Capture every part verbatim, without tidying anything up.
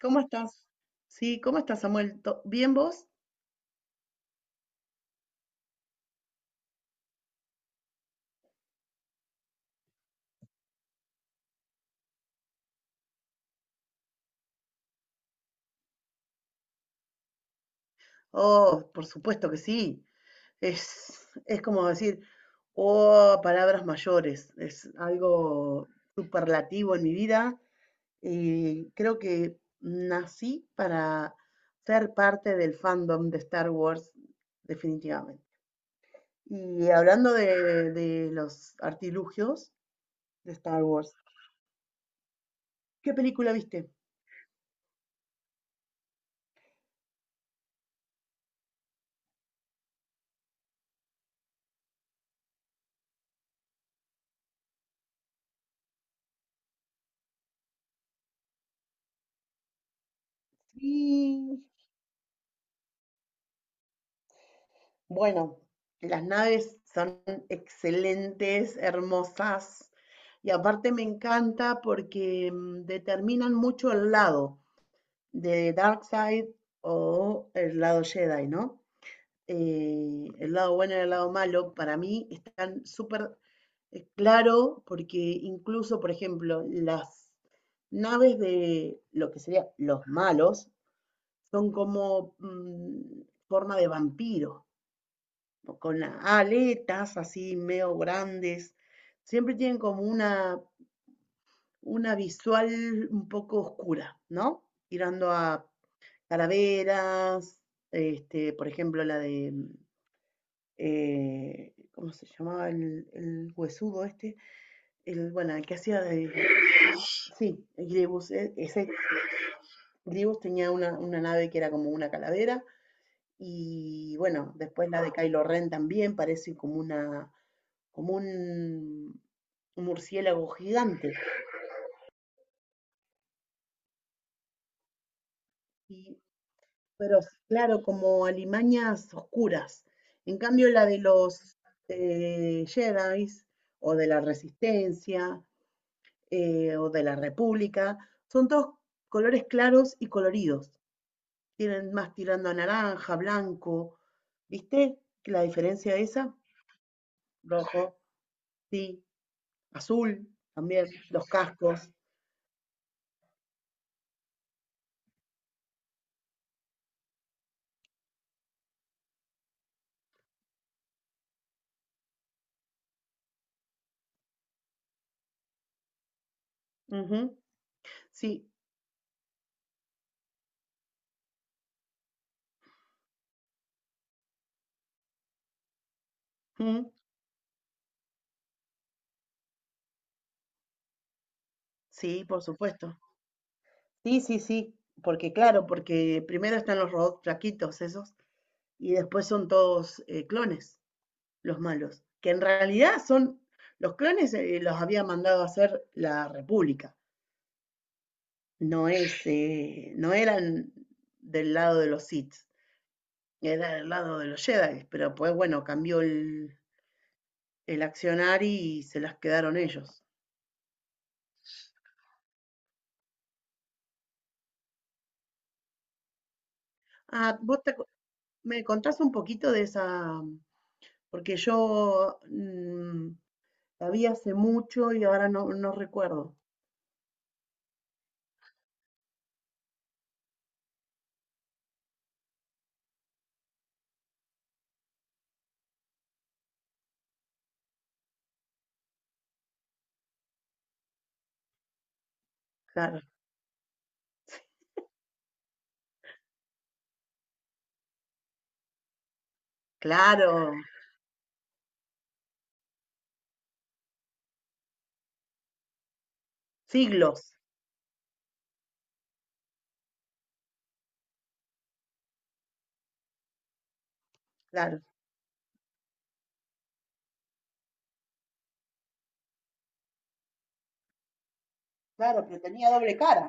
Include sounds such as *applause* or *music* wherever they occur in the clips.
¿Cómo estás? Sí, ¿cómo estás, Samuel? ¿To- ¿Bien vos? Oh, por supuesto que sí. Es, es como decir, oh, palabras mayores. Es algo superlativo en mi vida y creo que nací para ser parte del fandom de Star Wars, definitivamente. Y hablando de, de los artilugios de Star Wars, ¿qué película viste? Sí. Bueno, las naves son excelentes, hermosas, y aparte me encanta porque mm, determinan mucho el lado de Darkseid o el lado Jedi, ¿no? Eh, el lado bueno y el lado malo, para mí están súper eh, claro porque incluso, por ejemplo, las naves de lo que serían los malos son como mm, forma de vampiro con las aletas así medio grandes, siempre tienen como una, una visual un poco oscura, ¿no? Tirando a calaveras, este, por ejemplo, la de, mm, eh, ¿cómo se llamaba el, el huesudo este? El, bueno, el que hacía de, sí, el Grievous, eh, ese Grievous tenía una, una nave que era como una calavera, y bueno, después la de Kylo Ren también parece como una, como un, un murciélago gigante. Y- pero claro, como alimañas oscuras. En cambio, la de los eh, Jedi o de la Resistencia eh, o de la República son todos colores claros y coloridos. Tienen más tirando a naranja, blanco. ¿Viste la diferencia esa? Rojo, sí, azul también, los cascos. Ujú. Sí. Ujú, sí, por supuesto. Sí, sí, sí, porque claro, porque primero están los robots flaquitos esos y después son todos eh, clones, los malos, que en realidad son, los clones eh, los había mandado a hacer la República, no es, eh, no eran del lado de los Sith, era del lado de los Jedi, pero pues bueno, cambió el, el, accionar y se las quedaron ellos. Ah, vos te co- me contás un poquito de esa, porque yo mm, la vi hace mucho y ahora no, no recuerdo. Claro, claro, siglos, claro. Claro, pero tenía doble cara.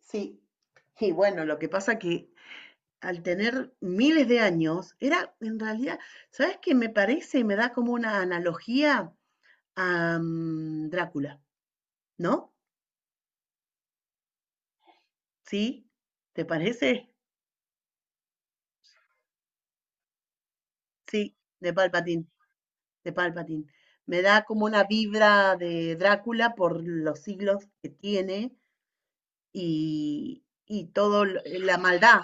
Sí. Y bueno, lo que pasa que al tener miles de años, era en realidad, ¿sabes qué? Me parece, y me da como una analogía a mm, Drácula, ¿no? ¿Sí? ¿Te parece? Sí, de Palpatine, de Palpatine. Me da como una vibra de Drácula por los siglos que tiene y, y todo la maldad,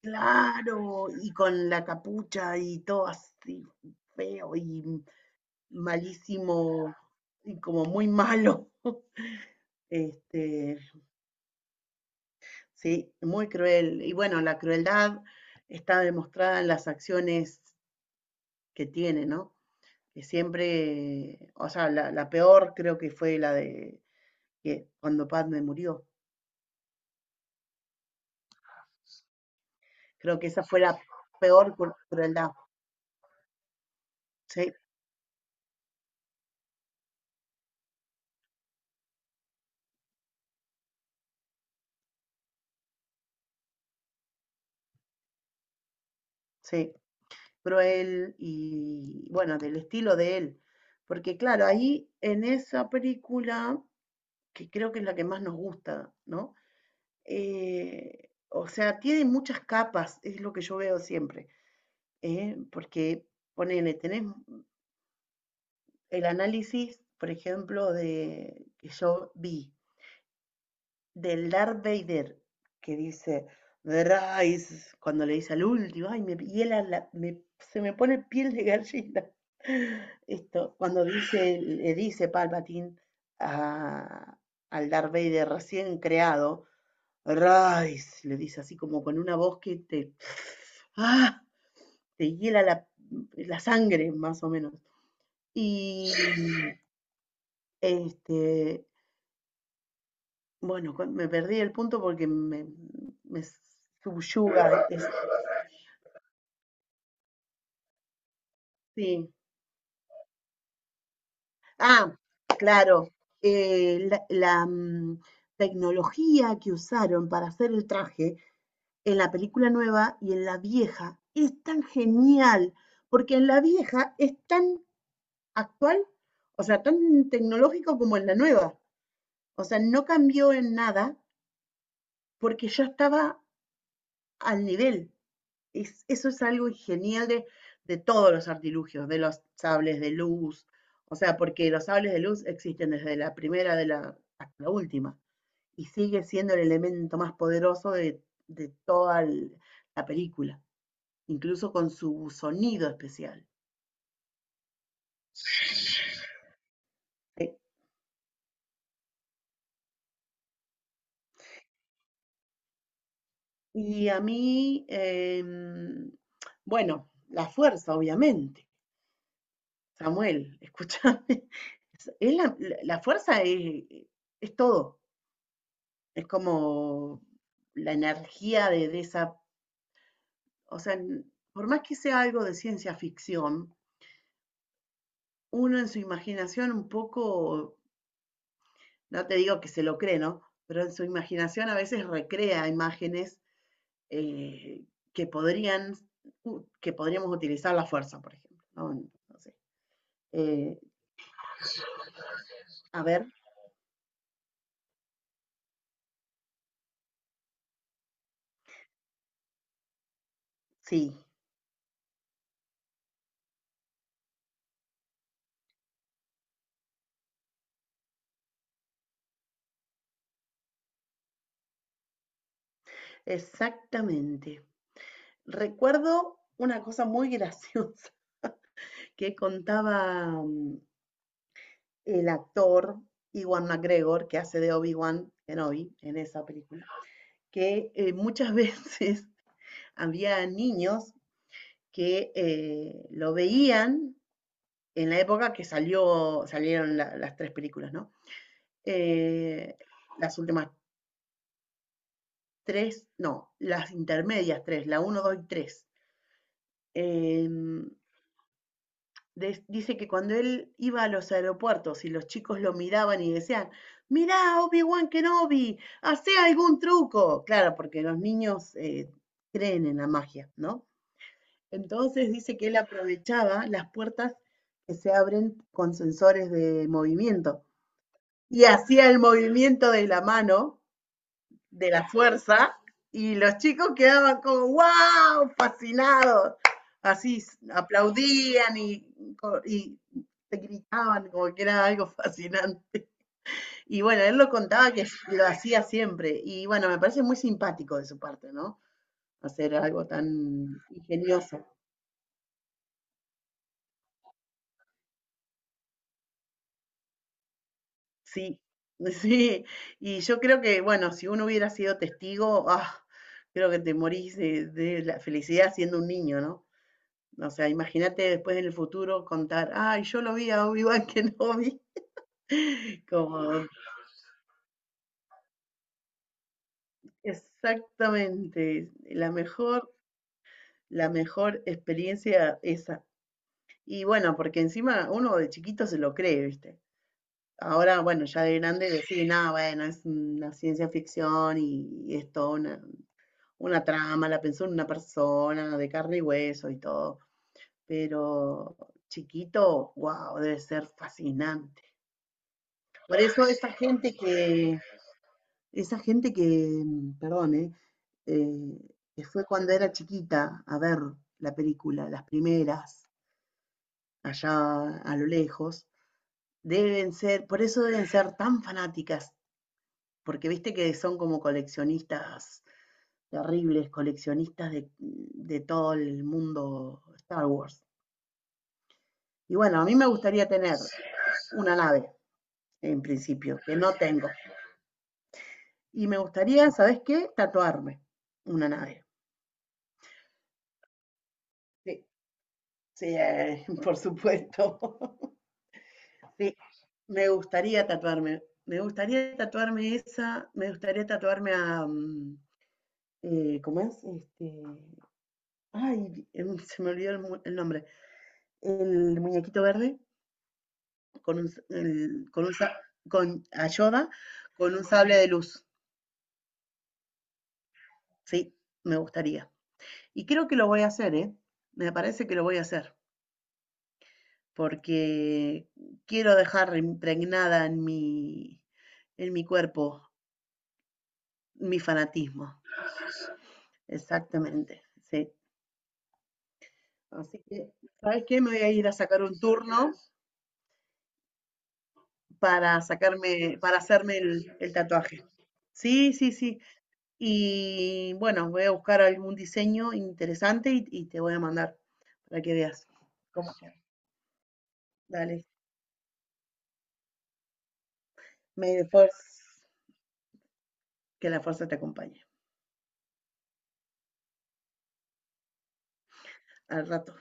claro, y con la capucha y todo así feo y malísimo y como muy malo. *laughs* Este, sí, muy cruel. Y bueno, la crueldad está demostrada en las acciones que tiene, ¿no? Que siempre, o sea, la, la peor creo que fue la de que cuando Padme murió. Creo que esa fue la peor cru- crueldad. Sí, sí, cruel y bueno, del estilo de él. Porque claro, ahí en esa película, que creo que es la que más nos gusta, ¿no? Eh, o sea, tiene muchas capas, es lo que yo veo siempre, ¿eh? Porque ponele, tenés el análisis, por ejemplo, de que yo vi del Darth Vader que dice Rise cuando le dice al último, ay, me hiela la- me- se me pone piel de gallina. *laughs* Esto, cuando dice, le dice Palpatine a- al Darth Vader recién creado, Rise, le dice así como con una voz que te, ¡ah! Te hiela la, la sangre, más o menos. Y este, bueno, cua- me perdí el punto porque me, me subyuga. Es- sí. Ah, claro. eh, la, la, mm, tecnología que usaron para hacer el traje en la película nueva y en la vieja es tan genial, porque en la vieja es tan actual, o sea, tan tecnológico como en la nueva. O sea, no cambió en nada porque ya estaba al nivel. Es- eso es algo genial de, de todos los artilugios, de los sables de luz, o sea, porque los sables de luz existen desde la primera de la, hasta la última, y sigue siendo el elemento más poderoso de, de toda el- la película, incluso con su sonido especial. ¿Sí? Y a mí, em, bueno, la fuerza, obviamente. Samuel, *laughs* escúchame. Es, la- la fuerza es, es todo. Es como la energía de, de esa, o sea, n- por más que sea algo de ciencia ficción, uno en su imaginación un poco, no te digo que se lo cree, ¿no? Pero en su imaginación a veces recrea imágenes eh, que podrían, u- que podríamos utilizar la fuerza, por ejemplo, ¿no? No sé. Eh, a ver, sí, exactamente. Recuerdo una cosa muy graciosa *laughs* que contaba mm, el actor Iwan McGregor, que hace de Obi-Wan Kenobi en esa película, que eh, muchas *laughs* veces había niños que eh, lo veían en la época que salió, salieron la- las tres películas, ¿no? Eh, las últimas tres, no, las intermedias tres, la uno dos y tres. Des- dice que cuando él iba a los aeropuertos y los chicos lo miraban y decían, mirá, Obi-Wan Kenobi, hace algún truco. Claro, porque los niños eh, creen en la magia, ¿no? Entonces dice que él aprovechaba las puertas que se abren con sensores de movimiento y hacía el movimiento de la mano de la fuerza y los chicos quedaban como wow, fascinados. Así aplaudían y, y, te gritaban como que era algo *laughs* fascinante. Y bueno, él lo contaba que lo hacía siempre. Y bueno, me parece muy simpático de su parte, ¿no? Hacer algo tan ingenioso. Sí, *laughs* sí. Y yo creo que, bueno, si uno hubiera sido testigo, ah, creo que te morís de, de la felicidad siendo un niño, ¿no? O sea, imagínate después en el futuro contar, ay, yo lo vi a Obi-Wan Kenobi. *laughs* Como, exactamente, la mejor, la mejor experiencia esa. Y bueno, porque encima uno de chiquito se lo cree, ¿viste? Ahora, bueno, ya de grande decir, nada, bueno, es una ciencia ficción y, y es toda una, una, trama, la pensó una persona de carne y hueso y todo. Pero chiquito, wow, debe ser fascinante. Por eso esa gente que, esa gente que, mm, perdón, ¿eh? eh, que fue cuando era chiquita a ver la película, las primeras, allá a lo lejos, deben ser, por eso deben ser tan fanáticas, porque viste que son como coleccionistas terribles, coleccionistas de, de todo el mundo Star Wars. Y bueno, a mí me gustaría tener una nave, en principio, que no tengo. Y me gustaría, ¿sabes qué? Tatuarme una nave. Sí. Sí, eh, *laughs* por supuesto. *laughs* Sí, me gustaría tatuarme. Me gustaría tatuarme esa, me gustaría tatuarme a mm, eh, ¿cómo es? Este, ay, em, se me olvidó el, mu- el nombre. El muñequito verde con un, s- el- con un sa- con a Yoda con un sable de luz. Sí, me gustaría. Y creo que lo voy a hacer, ¿eh? Me parece que lo voy a hacer, porque quiero dejar impregnada en mi, en mi, cuerpo mi fanatismo. Exactamente, sí. Así que, ¿sabes qué? Me voy a ir a sacar un turno para sacarme, para hacerme el, el tatuaje. Sí, sí, sí. Y bueno, voy a buscar algún diseño interesante y, y te voy a mandar para que veas cómo queda. Dale. May the force, que la fuerza te acompañe. Al rato.